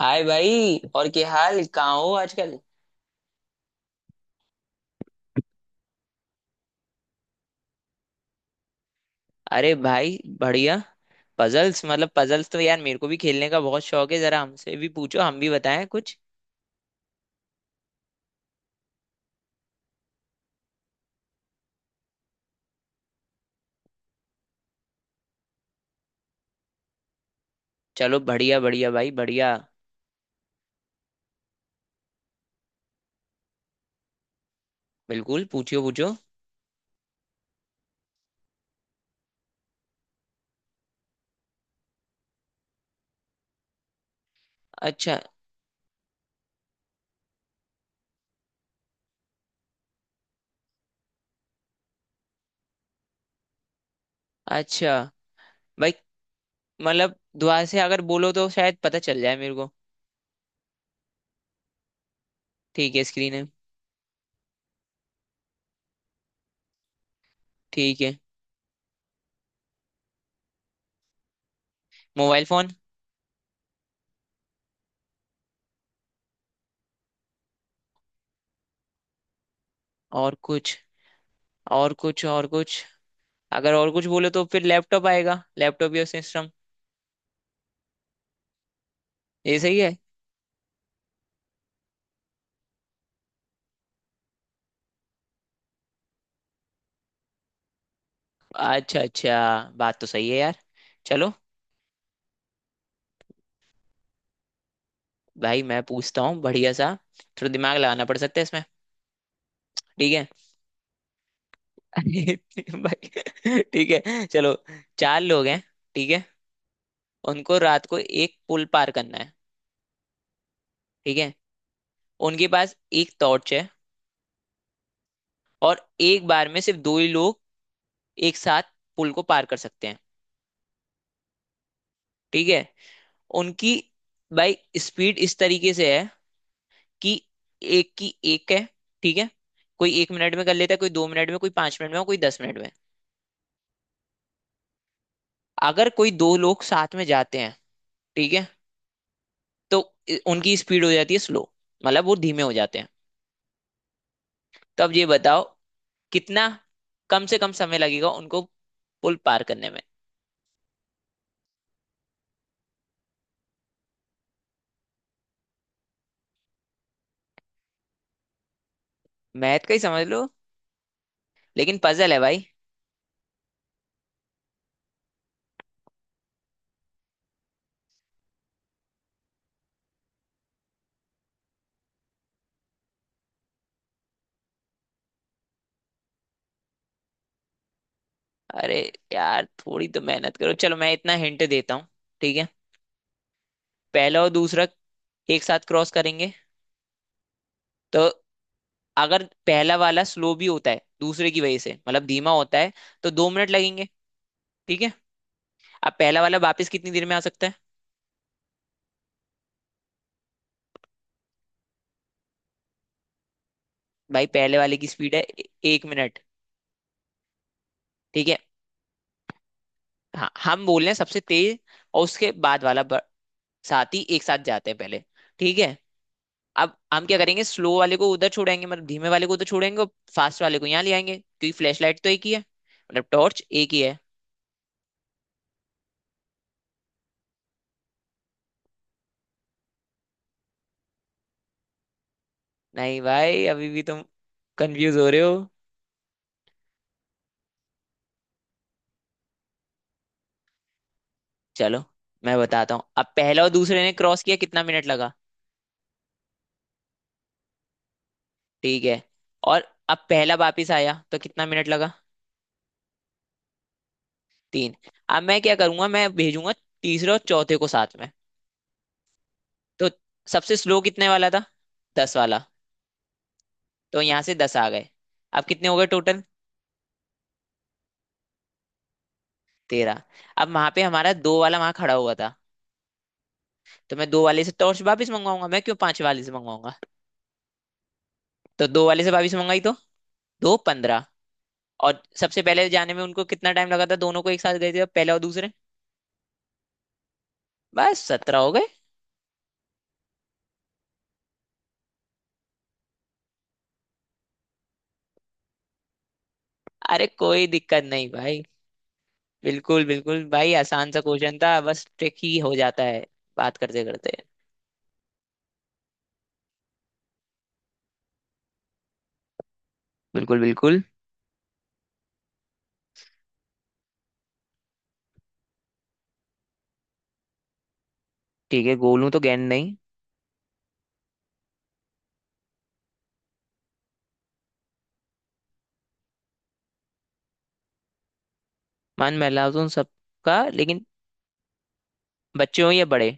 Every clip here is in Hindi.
हाय भाई, और क्या हाल? कहाँ हो आजकल? अरे भाई बढ़िया। पजल्स मतलब, पजल्स तो यार मेरे को भी खेलने का बहुत शौक है। जरा हमसे भी पूछो, हम भी बताएं कुछ। चलो बढ़िया, बढ़िया भाई, बढ़िया। बिल्कुल, पूछियो पूछो। अच्छा, अच्छा भाई। मतलब दुआ से अगर बोलो तो शायद पता चल जाए मेरे को। ठीक है, स्क्रीन है। ठीक है। Mobile phone. और कुछ? और कुछ? और कुछ? अगर और कुछ बोलो तो फिर लैपटॉप आएगा, लैपटॉप या सिस्टम। ये सही है। अच्छा, अच्छा। बात तो सही है यार। चलो। भाई, मैं पूछता हूँ बढ़िया सा। थोड़ा दिमाग लगाना पड़ सकता है इसमें। ठीक है। भाई। ठीक है, चलो। चार लोग हैं। ठीक है। उनको रात को एक पुल पार करना है। ठीक है। उनके पास एक टॉर्च है। और एक बार में सिर्फ दो ही लोग एक साथ पुल को पार कर सकते हैं। ठीक है। उनकी, भाई, स्पीड इस तरीके से है कि एक की एक है। ठीक है। कोई एक मिनट में कर लेता है, कोई दो मिनट में, कोई 5 मिनट में और कोई 10 मिनट में। अगर कोई दो लोग साथ में जाते हैं, ठीक है, तो उनकी स्पीड हो जाती है स्लो। मतलब वो धीमे हो जाते हैं। तो अब ये बताओ कितना कम से कम समय लगेगा उनको पुल पार करने में। मैथ का ही समझ लो। लेकिन पजल है भाई। अरे यार, थोड़ी तो मेहनत करो। चलो, मैं इतना हिंट देता हूँ। ठीक है। पहला और दूसरा एक साथ क्रॉस करेंगे। तो अगर पहला वाला स्लो भी होता है दूसरे की वजह से, मतलब धीमा होता है, तो 2 मिनट लगेंगे। ठीक है। अब पहला वाला वापस कितनी देर में आ सकता है? भाई, पहले वाले की स्पीड है 1 मिनट। ठीक है। हाँ, हम बोल रहे हैं सबसे तेज। और उसके बाद वाला साथी एक साथ जाते हैं पहले। ठीक है। अब हम क्या करेंगे, स्लो वाले को उधर छोड़ेंगे, मतलब धीमे वाले को उधर छोड़ेंगे और फास्ट वाले को यहाँ ले आएंगे, क्योंकि फ्लैश लाइट तो एक ही है, मतलब टॉर्च एक ही है। नहीं भाई, अभी भी तुम कंफ्यूज हो रहे हो। चलो, मैं बताता हूँ। अब पहला और दूसरे ने क्रॉस किया, कितना मिनट लगा? ठीक है। और अब पहला वापिस आया तो कितना मिनट लगा? तीन। अब मैं क्या करूंगा, मैं भेजूंगा तीसरे और चौथे को साथ में। तो सबसे स्लो कितने वाला था? 10 वाला। तो यहाँ से 10 आ गए। अब कितने हो गए टोटल? 13। अब वहां पे हमारा दो वाला वहां खड़ा हुआ था। तो मैं दो वाले से टॉर्च वापिस मंगवाऊंगा, मैं क्यों पांच वाले से मंगवाऊंगा? तो दो वाले से वापिस मंगाई, तो दो 15। और सबसे पहले जाने में उनको कितना टाइम लगा था, दोनों को, एक साथ गए थे पहला और दूसरे? बस 17 हो गए। अरे कोई दिक्कत नहीं भाई। बिल्कुल बिल्कुल भाई, आसान सा क्वेश्चन था, बस ट्रिक ही हो जाता है। बात करते करते। बिल्कुल बिल्कुल। ठीक है, गोलू तो गेंद नहीं। मान महलाजुन सबका, लेकिन बच्चे हो या बड़े।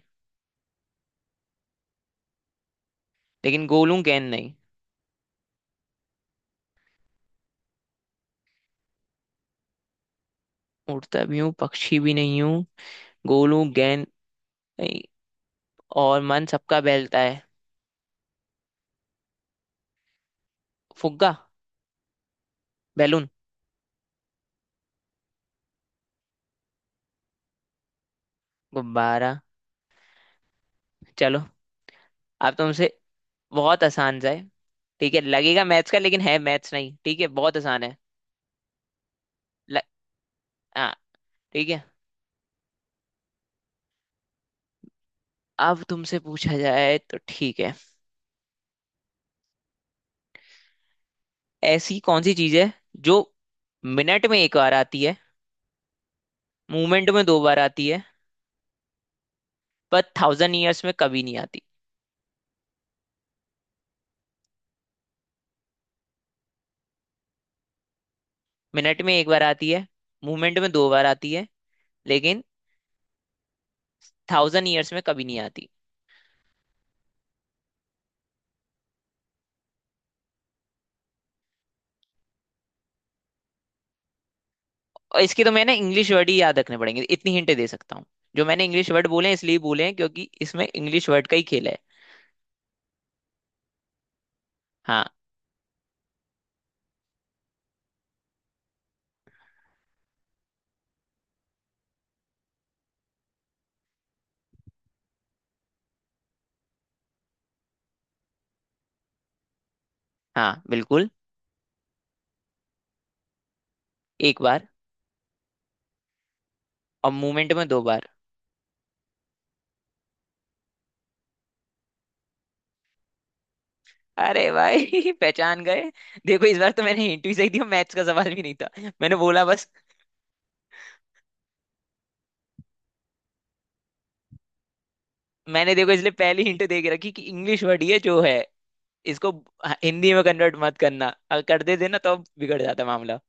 लेकिन गोलू गेंद नहीं। उड़ता भी हूँ, पक्षी भी नहीं हूँ। गोलू गेंद नहीं, और मन सबका बहलता है। फुग्गा, बैलून, गुब्बारा। चलो, अब तुमसे। बहुत आसान सा है। ठीक है, लगेगा मैथ्स का, लेकिन है मैथ्स नहीं। ठीक है, बहुत आसान है। ल... हाँ। ठीक है। अब तुमसे पूछा जाए तो ठीक है। ऐसी कौन सी चीज है जो मिनट में एक बार आती है, मूवमेंट में दो बार आती है, पर 1000 ईयर्स में कभी नहीं आती? मिनट में एक बार आती है, मूवमेंट में दो बार आती है, लेकिन 1000 ईयर्स में कभी नहीं आती। और इसके तो मैं ना इंग्लिश वर्ड ही याद रखने पड़ेंगे, इतनी हिंट दे सकता हूँ। जो मैंने इंग्लिश वर्ड बोले हैं, इसलिए बोले हैं क्योंकि इसमें इंग्लिश वर्ड का ही खेल है। हाँ, हाँ, बिल्कुल। एक बार, और मूवमेंट में दो बार। अरे भाई पहचान गए। देखो, इस बार तो मैंने हिंट भी सही दी, मैथ्स का सवाल भी नहीं था। मैंने बोला बस। मैंने देखो इसलिए पहली हिंट दे के रखी कि इंग्लिश वर्ड ये जो है, इसको, हाँ, हिंदी में कन्वर्ट मत करना, अगर कर देते ना तो बिगड़ जाता मामला।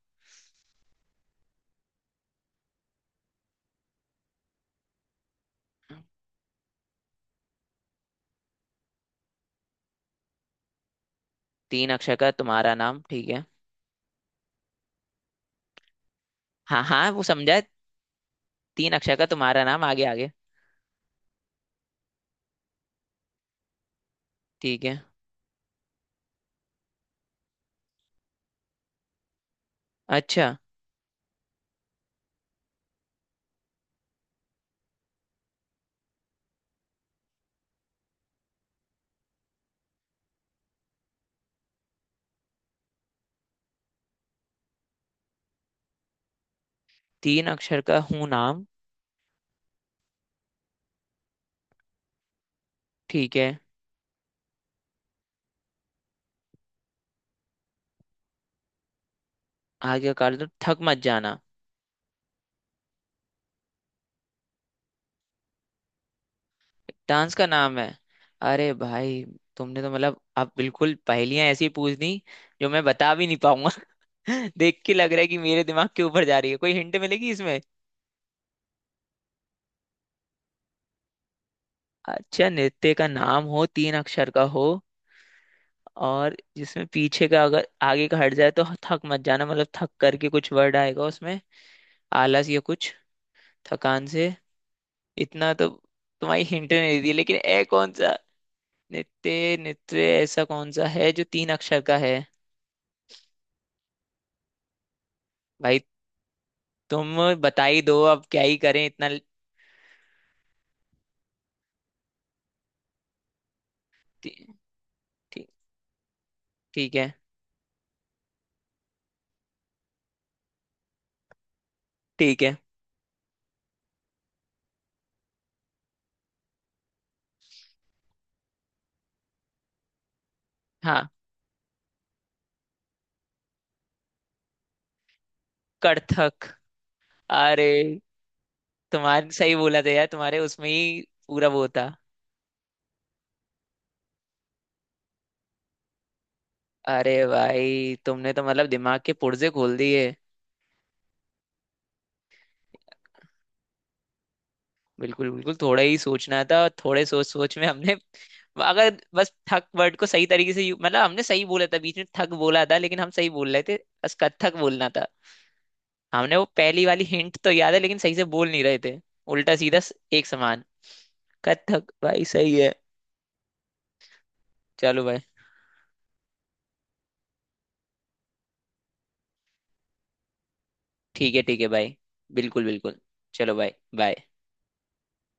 तीन अक्षर का तुम्हारा नाम। ठीक है। हाँ, हाँ, वो समझा है। तीन अक्षर का तुम्हारा नाम, आगे आगे। ठीक है। अच्छा। तीन अक्षर का हूँ नाम। ठीक है। आगे कर दो थक मत जाना। डांस का नाम है। अरे भाई, तुमने तो मतलब अब बिल्कुल पहेलियां ऐसी पूछ दी जो मैं बता भी नहीं पाऊंगा। देख के लग रहा है कि मेरे दिमाग के ऊपर जा रही है। कोई हिंट मिलेगी इसमें? अच्छा, नृत्य का नाम हो, तीन अक्षर का हो, और जिसमें पीछे का, अगर आगे का हट जाए, तो थक मत जाना, मतलब थक करके कुछ वर्ड आएगा उसमें। आलस या कुछ, थकान से। इतना तो तुम्हारी हिंट नहीं दी, लेकिन ए कौन सा नित्य, नित्य ऐसा कौन सा है जो तीन अक्षर का है? भाई, तुम बता ही दो अब, क्या ही करें, इतना ठी- ठी- ठीक है। ठीक है। हाँ। कड़थक। अरे, तुम्हारे सही बोला था यार, तुम्हारे उसमें ही पूरा वो था। अरे भाई, तुमने तो मतलब दिमाग के पुर्जे खोल दिए। बिल्कुल बिल्कुल, थोड़ा ही सोचना था, थोड़े सोच सोच में हमने। अगर बस ठक वर्ड को सही तरीके से मतलब हमने सही बोला था, बीच में ठक बोला था, लेकिन हम सही बोल रहे थे। बस कत्थक बोलना था। हमने वो पहली वाली हिंट तो याद है, लेकिन सही से बोल नहीं रहे थे। उल्टा सीधा एक समान। कत्थक भाई सही है। चलो भाई। ठीक है, ठीक है भाई। बिल्कुल बिल्कुल। चलो भाई, बाय।